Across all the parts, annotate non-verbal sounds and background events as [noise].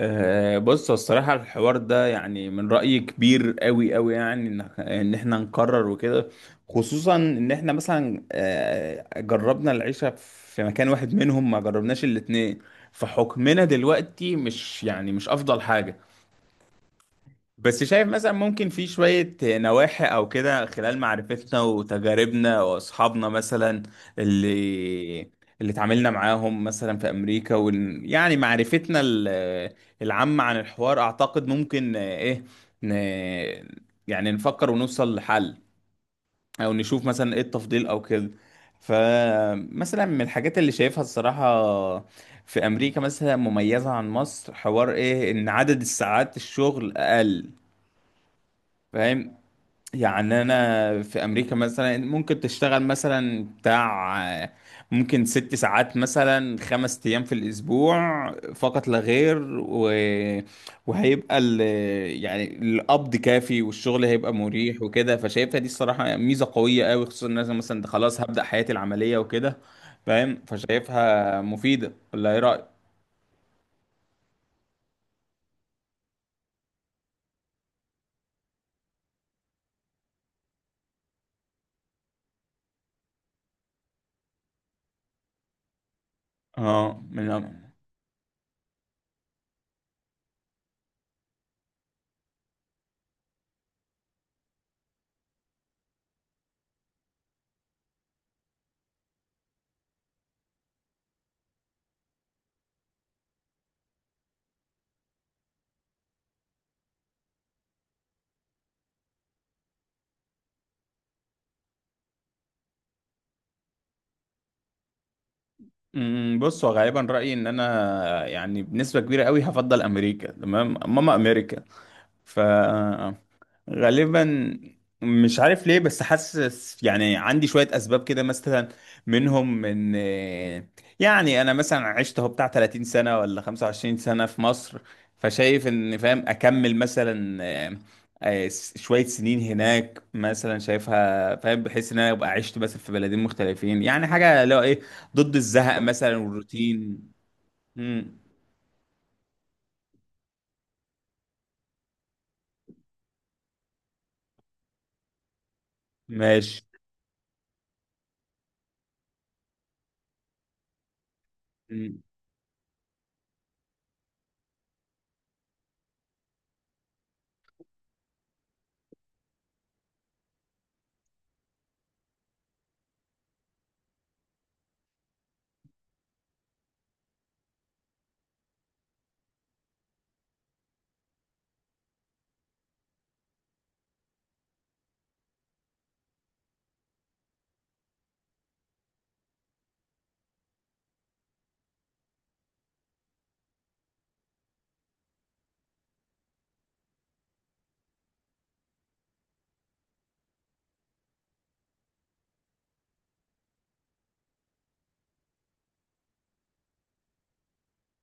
بص، هو الصراحة الحوار ده يعني من رأيي كبير قوي قوي، يعني إن احنا نقرر وكده. خصوصا ان احنا مثلا جربنا العيشة في مكان واحد منهم، ما جربناش الاتنين، فحكمنا دلوقتي مش يعني مش افضل حاجة. بس شايف مثلا ممكن في شوية نواحي أو كده، خلال معرفتنا وتجاربنا وأصحابنا مثلا اللي اللي اتعاملنا معاهم مثلا في أمريكا يعني معرفتنا العامة عن الحوار، أعتقد ممكن ن... يعني نفكر ونوصل لحل، أو نشوف مثلا إيه التفضيل أو كده. فمثلا من الحاجات اللي شايفها الصراحة في أمريكا مثلا مميزة عن مصر، حوار إيه إن عدد الساعات الشغل أقل. فاهم، يعني انا في امريكا مثلا ممكن تشتغل مثلا بتاع ممكن ست ساعات مثلا خمس ايام في الاسبوع فقط لا غير، وهيبقى ال... يعني القبض كافي، والشغل هيبقى مريح وكده. فشايفها دي الصراحة ميزة قوية قوي، خصوصا ان انا مثلا ده خلاص هبدأ حياتي العملية وكده. فاهم، فشايفها مفيدة، ولا ايه رأيك؟ اه من بص، هو غالبا رأيي ان انا يعني بنسبة كبيرة قوي هفضل امريكا. تمام ماما امريكا، ف غالبا. مش عارف ليه، بس حاسس يعني عندي شوية أسباب كده مثلا، منهم إن يعني أنا مثلا عشت هو بتاع 30 سنة ولا 25 سنة في مصر، فشايف إن فاهم أكمل مثلا شوية سنين هناك مثلا، شايفها فاهم بحيث إن أنا أبقى عشت مثلا في بلدين مختلفين، يعني حاجة لو إيه ضد الزهق مثلا والروتين. مم، ماشي.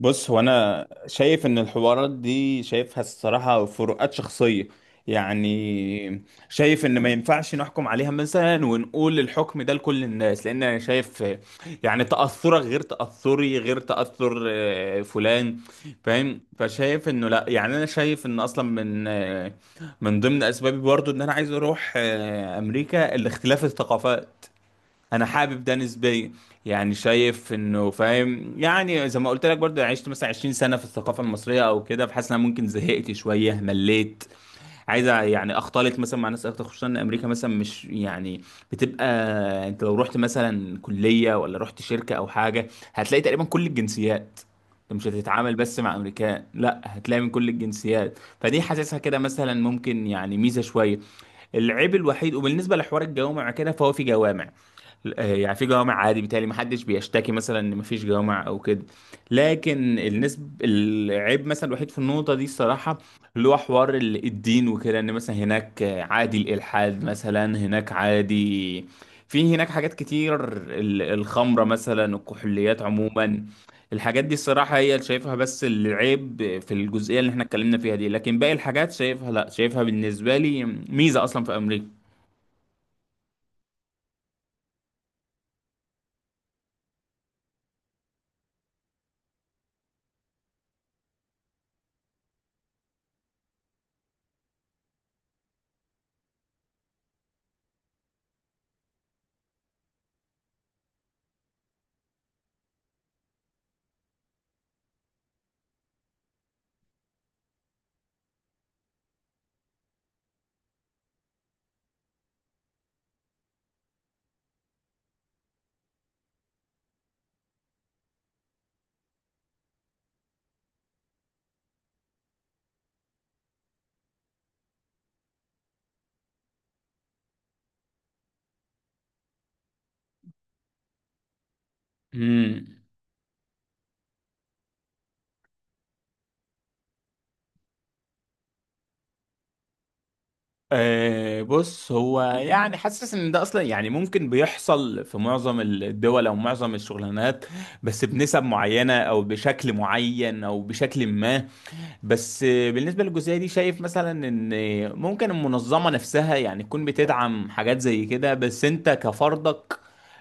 بص، هو انا شايف ان الحوارات دي شايفها الصراحه فروقات شخصيه، يعني شايف ان ما ينفعش نحكم عليها مثلا ونقول الحكم ده لكل الناس، لان انا شايف يعني تاثرك غير تاثري غير تاثر فلان. فاهم، فشايف انه لا، يعني انا شايف ان اصلا من من ضمن اسبابي برضو ان انا عايز اروح امريكا، الاختلاف الثقافات. انا حابب ده نسبيا، يعني شايف انه فاهم، يعني زي ما قلت لك برضه، يعني عشت مثلا 20 سنه في الثقافه المصريه او كده، فحاسس ان انا ممكن زهقت شويه، مليت. عايز يعني اختلط مثلا مع ناس اكتر، خصوصا ان امريكا مثلا مش يعني بتبقى، انت لو رحت مثلا كليه ولا رحت شركه او حاجه، هتلاقي تقريبا كل الجنسيات. انت مش هتتعامل بس مع امريكان، لا، هتلاقي من كل الجنسيات، فدي حاسسها كده مثلا ممكن يعني ميزه شويه. العيب الوحيد، وبالنسبه لحوار الجوامع كده، فهو في جوامع يعني في جوامع عادي، بالتالي ما حدش بيشتكي مثلا ان ما فيش جوامع او كده. لكن النسب العيب مثلا الوحيد في النقطه دي الصراحه اللي هو حوار الدين وكده، ان مثلا هناك عادي الالحاد مثلا هناك، عادي في هناك حاجات كتير، الخمره مثلا، الكحوليات عموما. الحاجات دي الصراحه هي اللي شايفها بس العيب في الجزئيه اللي احنا اتكلمنا فيها دي، لكن باقي الحاجات شايفها لا، شايفها بالنسبه لي ميزه اصلا في امريكا. امم أه، بص، هو يعني حاسس ان ده اصلا يعني ممكن بيحصل في معظم الدول او معظم الشغلانات، بس بنسب معينة او بشكل معين او بشكل ما. بس بالنسبة للجزئية دي شايف مثلا ان ممكن المنظمة نفسها يعني تكون بتدعم حاجات زي كده، بس انت كفردك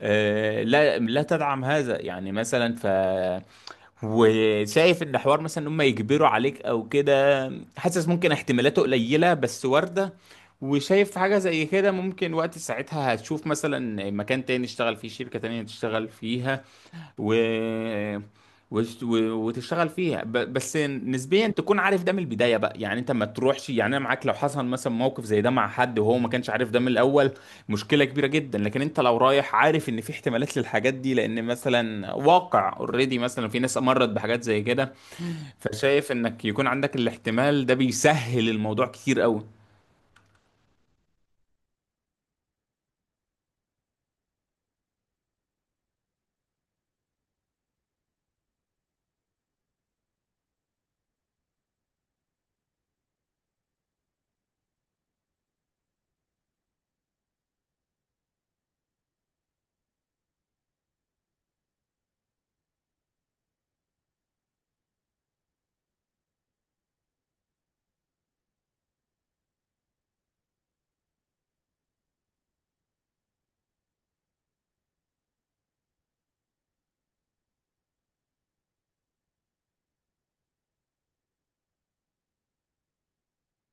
لا لا تدعم هذا يعني مثلا. وشايف ان حوار مثلا ان هم يجبروا عليك او كده، حاسس ممكن احتمالاته قليله بس وارده. وشايف حاجه زي كده ممكن وقت ساعتها هتشوف مثلا مكان تاني تشتغل فيه، شركه تانية تشتغل فيها، و... وت- و- وتشتغل فيها بس نسبيا تكون عارف ده من البدايه بقى. يعني انت ما تروحش، يعني انا معاك لو حصل مثلا موقف زي ده مع حد وهو ما كانش عارف ده من الاول، مشكله كبيره جدا. لكن انت لو رايح عارف ان في احتمالات للحاجات دي، لان مثلا واقع اوريدي مثلا في ناس مرت بحاجات زي كده، فشايف انك يكون عندك الاحتمال ده بيسهل الموضوع كتير قوي.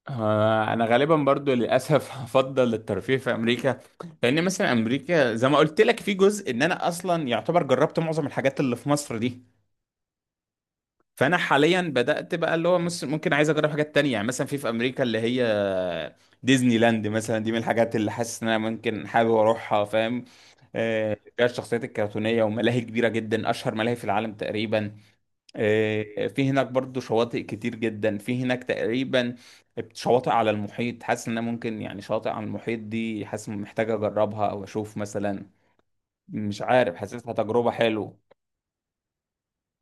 انا غالبا برضو للاسف [laughs] هفضل الترفيه في امريكا، لان مثلا امريكا زي ما قلت لك في جزء ان انا اصلا يعتبر جربت معظم الحاجات اللي في مصر دي. فانا حاليا بدات بقى اللي هو ممكن عايز اجرب حاجات تانية، يعني مثلا في في امريكا اللي هي ديزني لاند مثلا، دي من الحاجات اللي حاسس ان انا ممكن حابب اروحها، فاهم. فيها الشخصيات الكرتونيه وملاهي كبيره جدا، اشهر ملاهي في العالم تقريبا. في هناك برضو شواطئ كتير جدا في هناك تقريبا، شواطئ على المحيط، حاسس ان أنا ممكن يعني شاطئ على المحيط دي حاسس محتاج اجربها او اشوف مثلا، مش عارف، حاسسها تجربة حلوة.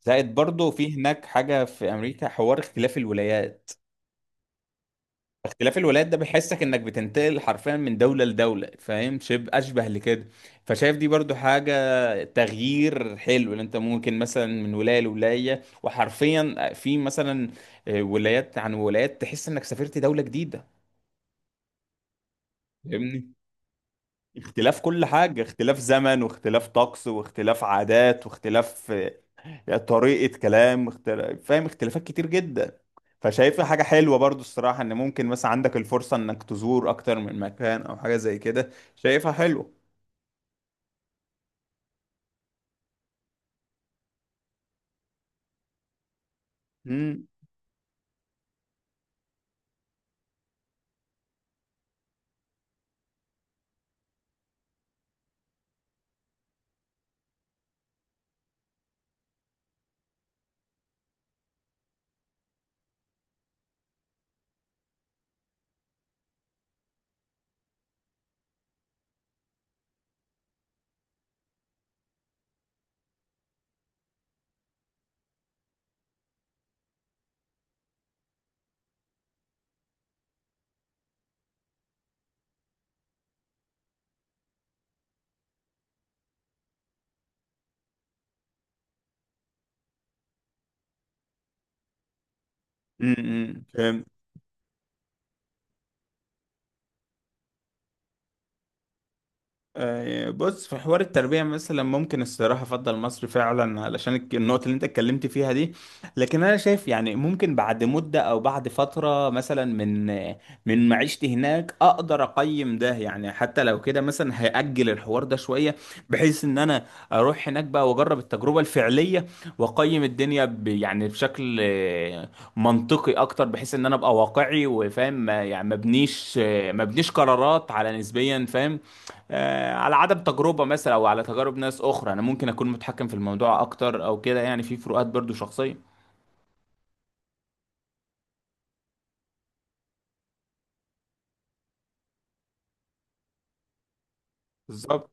زائد برضو في هناك حاجة في امريكا، حوار اختلاف الولايات. اختلاف الولايات ده بيحسك انك بتنتقل حرفيا من دولة لدولة، فاهم، شبه اشبه لكده، فشايف دي برضو حاجة تغيير حلو. ان انت ممكن مثلا من ولاية لولاية، وحرفيا في مثلا ولايات عن ولايات تحس انك سافرت دولة جديدة، فاهمني. اختلاف كل حاجة، اختلاف زمن واختلاف طقس واختلاف عادات واختلاف يعني طريقة كلام، فاهم، اختلافات كتير جدا. فشايفها حاجة حلوة برضو الصراحة ان ممكن مثلا عندك الفرصة انك تزور اكتر من مكان او حاجة زي كده، شايفها حلوة. امم آه، بص، في حوار التربية مثلا ممكن الصراحة أفضل مصر فعلا، علشان النقطة اللي أنت اتكلمت فيها دي. لكن أنا شايف يعني ممكن بعد مدة أو بعد فترة مثلا من من معيشتي هناك أقدر أقيم ده، يعني حتى لو كده مثلا هأجل الحوار ده شوية، بحيث إن أنا أروح هناك بقى وأجرب التجربة الفعلية، وأقيم الدنيا ب يعني بشكل منطقي أكتر، بحيث إن أنا أبقى واقعي وفاهم يعني ما بنيش قرارات على نسبيا، فاهم، على عدم تجربة مثلا أو على تجارب ناس أخرى. أنا ممكن أكون متحكم في الموضوع أكتر أو كده، يعني في فروقات برضو شخصية. بالظبط.